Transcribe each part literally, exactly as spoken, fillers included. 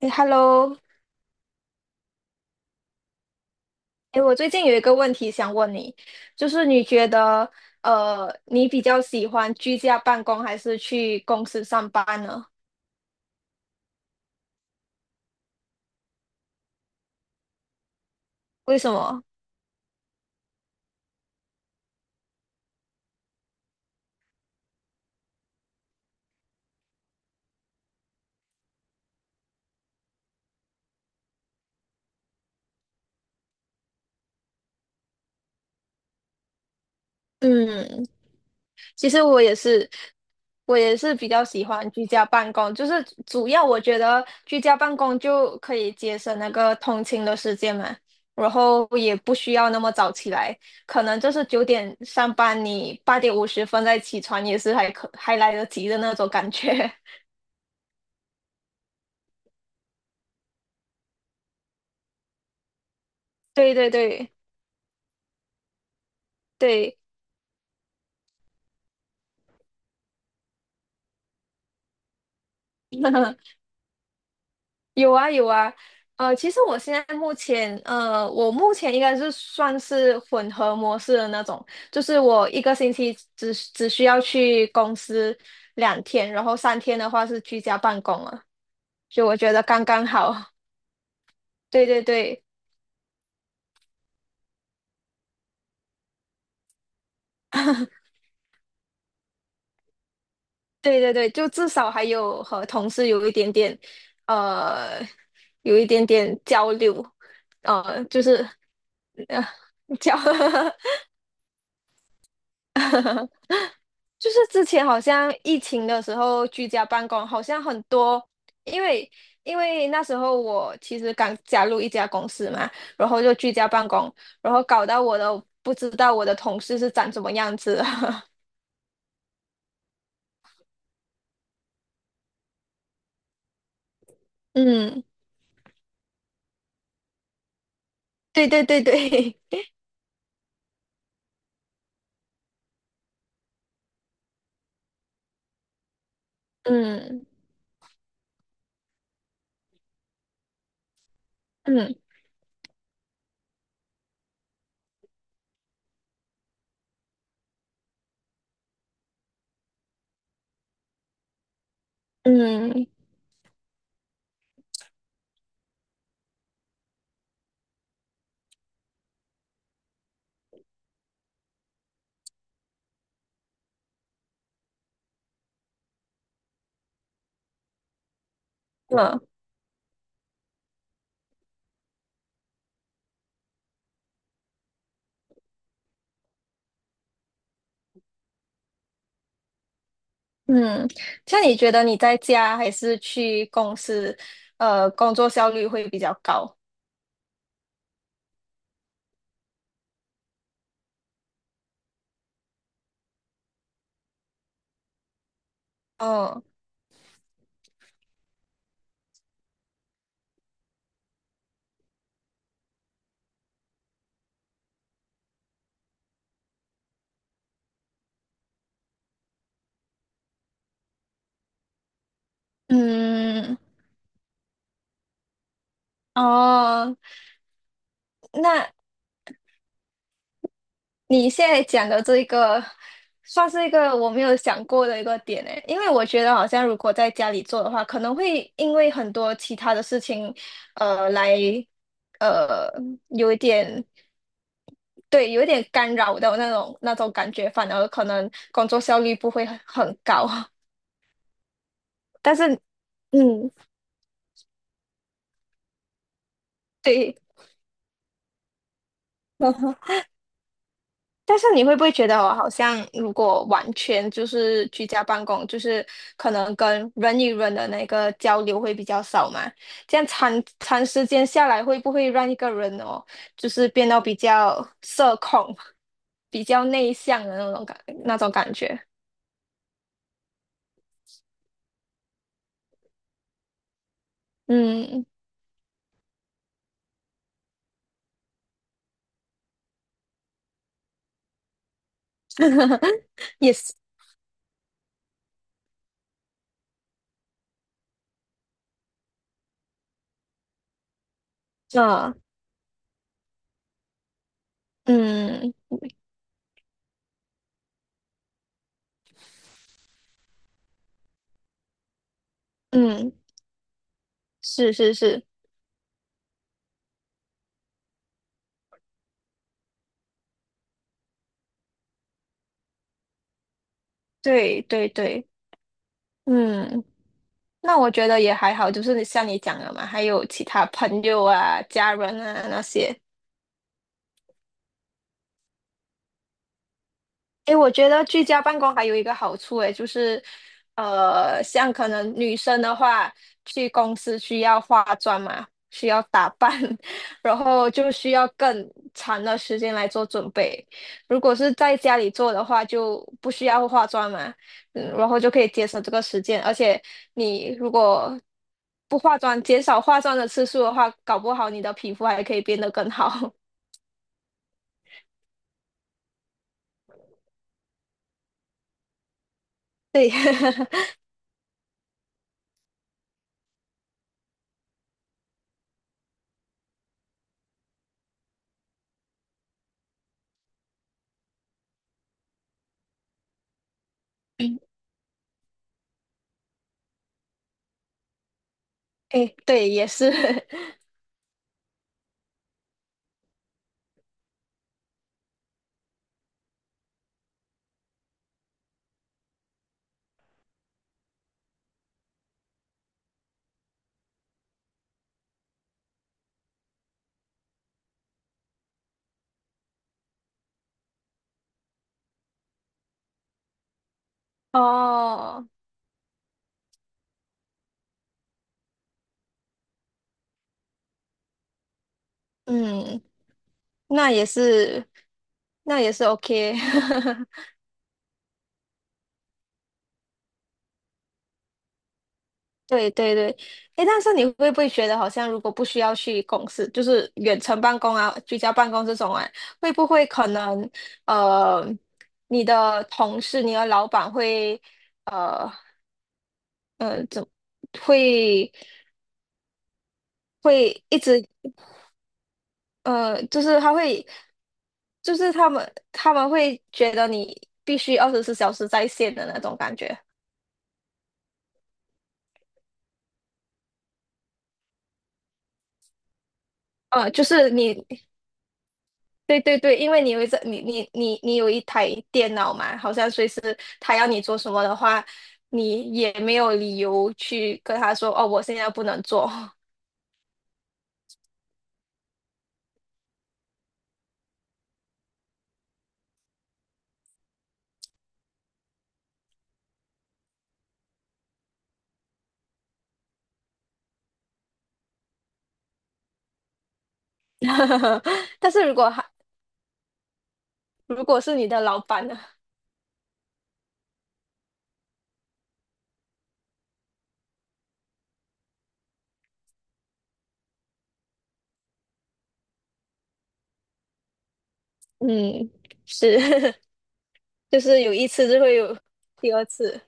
哎，Hello，哎，我最近有一个问题想问你，就是你觉得，呃，你比较喜欢居家办公还是去公司上班呢？为什么？嗯，其实我也是，我也是比较喜欢居家办公，就是主要我觉得居家办公就可以节省那个通勤的时间嘛，然后也不需要那么早起来，可能就是九点上班，你八点五十分再起床也是还可还来得及的那种感觉。对对对。对，有啊有啊，呃，其实我现在目前，呃，我目前应该是算是混合模式的那种，就是我一个星期只只需要去公司两天，然后三天的话是居家办公了，就我觉得刚刚好。对对对对对对，就至少还有和同事有一点点，呃，有一点点交流，呃，就是呃 交。就是之前好像疫情的时候居家办公，好像很多，因为因为那时候我其实刚加入一家公司嘛，然后就居家办公，然后搞到我都不知道我的同事是长什么样子。嗯，对对对对，嗯嗯嗯，嗯嗯，像你觉得你在家还是去公司，呃，工作效率会比较高？哦，嗯，哦，那你现在讲的这个，算是一个我没有想过的一个点诶，因为我觉得好像如果在家里做的话，可能会因为很多其他的事情，呃，来，呃，有一点，对，有一点干扰的那种那种感觉，反而可能工作效率不会很很高。但是，嗯，对。但是你会不会觉得我好像，如果完全就是居家办公，就是可能跟人与人的那个交流会比较少嘛？这样长长时间下来，会不会让一个人哦，就是变得比较社恐、比较内向的那种感那种感觉？嗯，也是，嗯嗯嗯，是是是，对对对，嗯。那我觉得也还好，就是像你讲的嘛，还有其他朋友啊、家人啊那些，诶，我觉得居家办公还有一个好处，诶，就是，呃，像可能女生的话，去公司需要化妆嘛，需要打扮，然后就需要更长的时间来做准备。如果是在家里做的话，就不需要化妆嘛，嗯，然后就可以节省这个时间。而且你如果不化妆，减少化妆的次数的话，搞不好你的皮肤还可以变得更好。对，诶，对，也是，哦。嗯，那也是，那也是 OK。对对对，诶，但是你会不会觉得好像如果不需要去公司，就是远程办公啊、居家办公这种啊，会不会可能呃，你的同事、你的老板会呃会会一直呃，就是他会，就是他们他们会觉得你必须二十四小时在线的那种感觉。呃，就是你对对对，因为你有一个你你你你有一台电脑嘛，好像随时他要你做什么的话，你也没有理由去跟他说哦，我现在不能做。但是如果他如果是你的老板呢？嗯，是，就是有一次就会有第二次。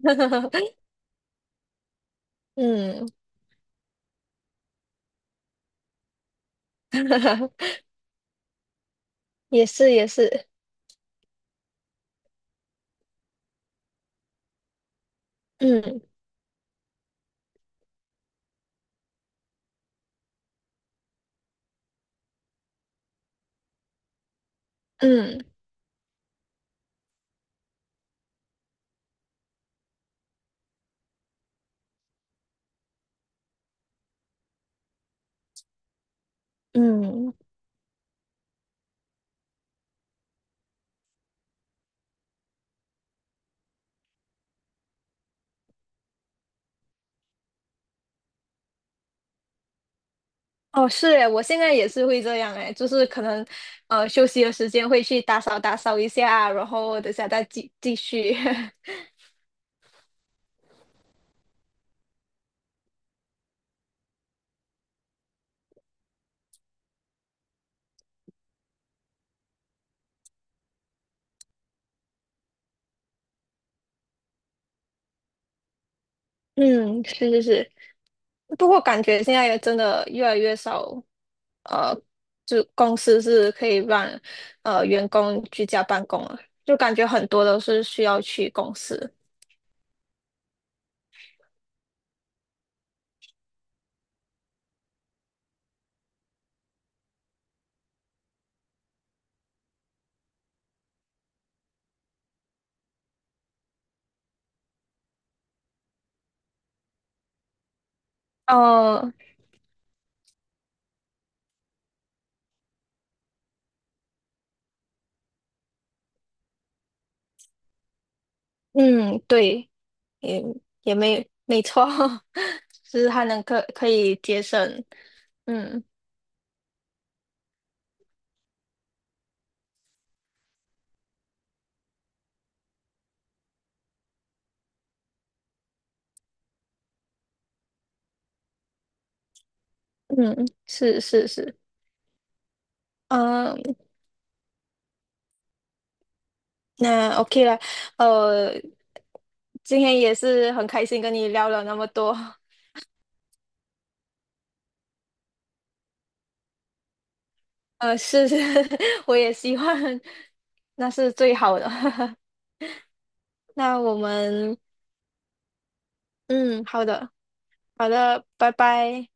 嗯，也是也是，嗯嗯嗯。哦，是诶，我现在也是会这样诶，就是可能，呃，休息的时间会去打扫打扫一下，然后等下再继继续。嗯，是是是，不过感觉现在也真的越来越少，呃，就公司是可以让呃员工居家办公了，就感觉很多都是需要去公司。呃，嗯，对，也也没没错，就是还能可可以节省，嗯嗯，是是是，嗯、那 OK 了，呃，今天也是很开心跟你聊了那么多，呃，是，是 我也希望那是最好的。那我们，嗯，好的，好的，拜拜。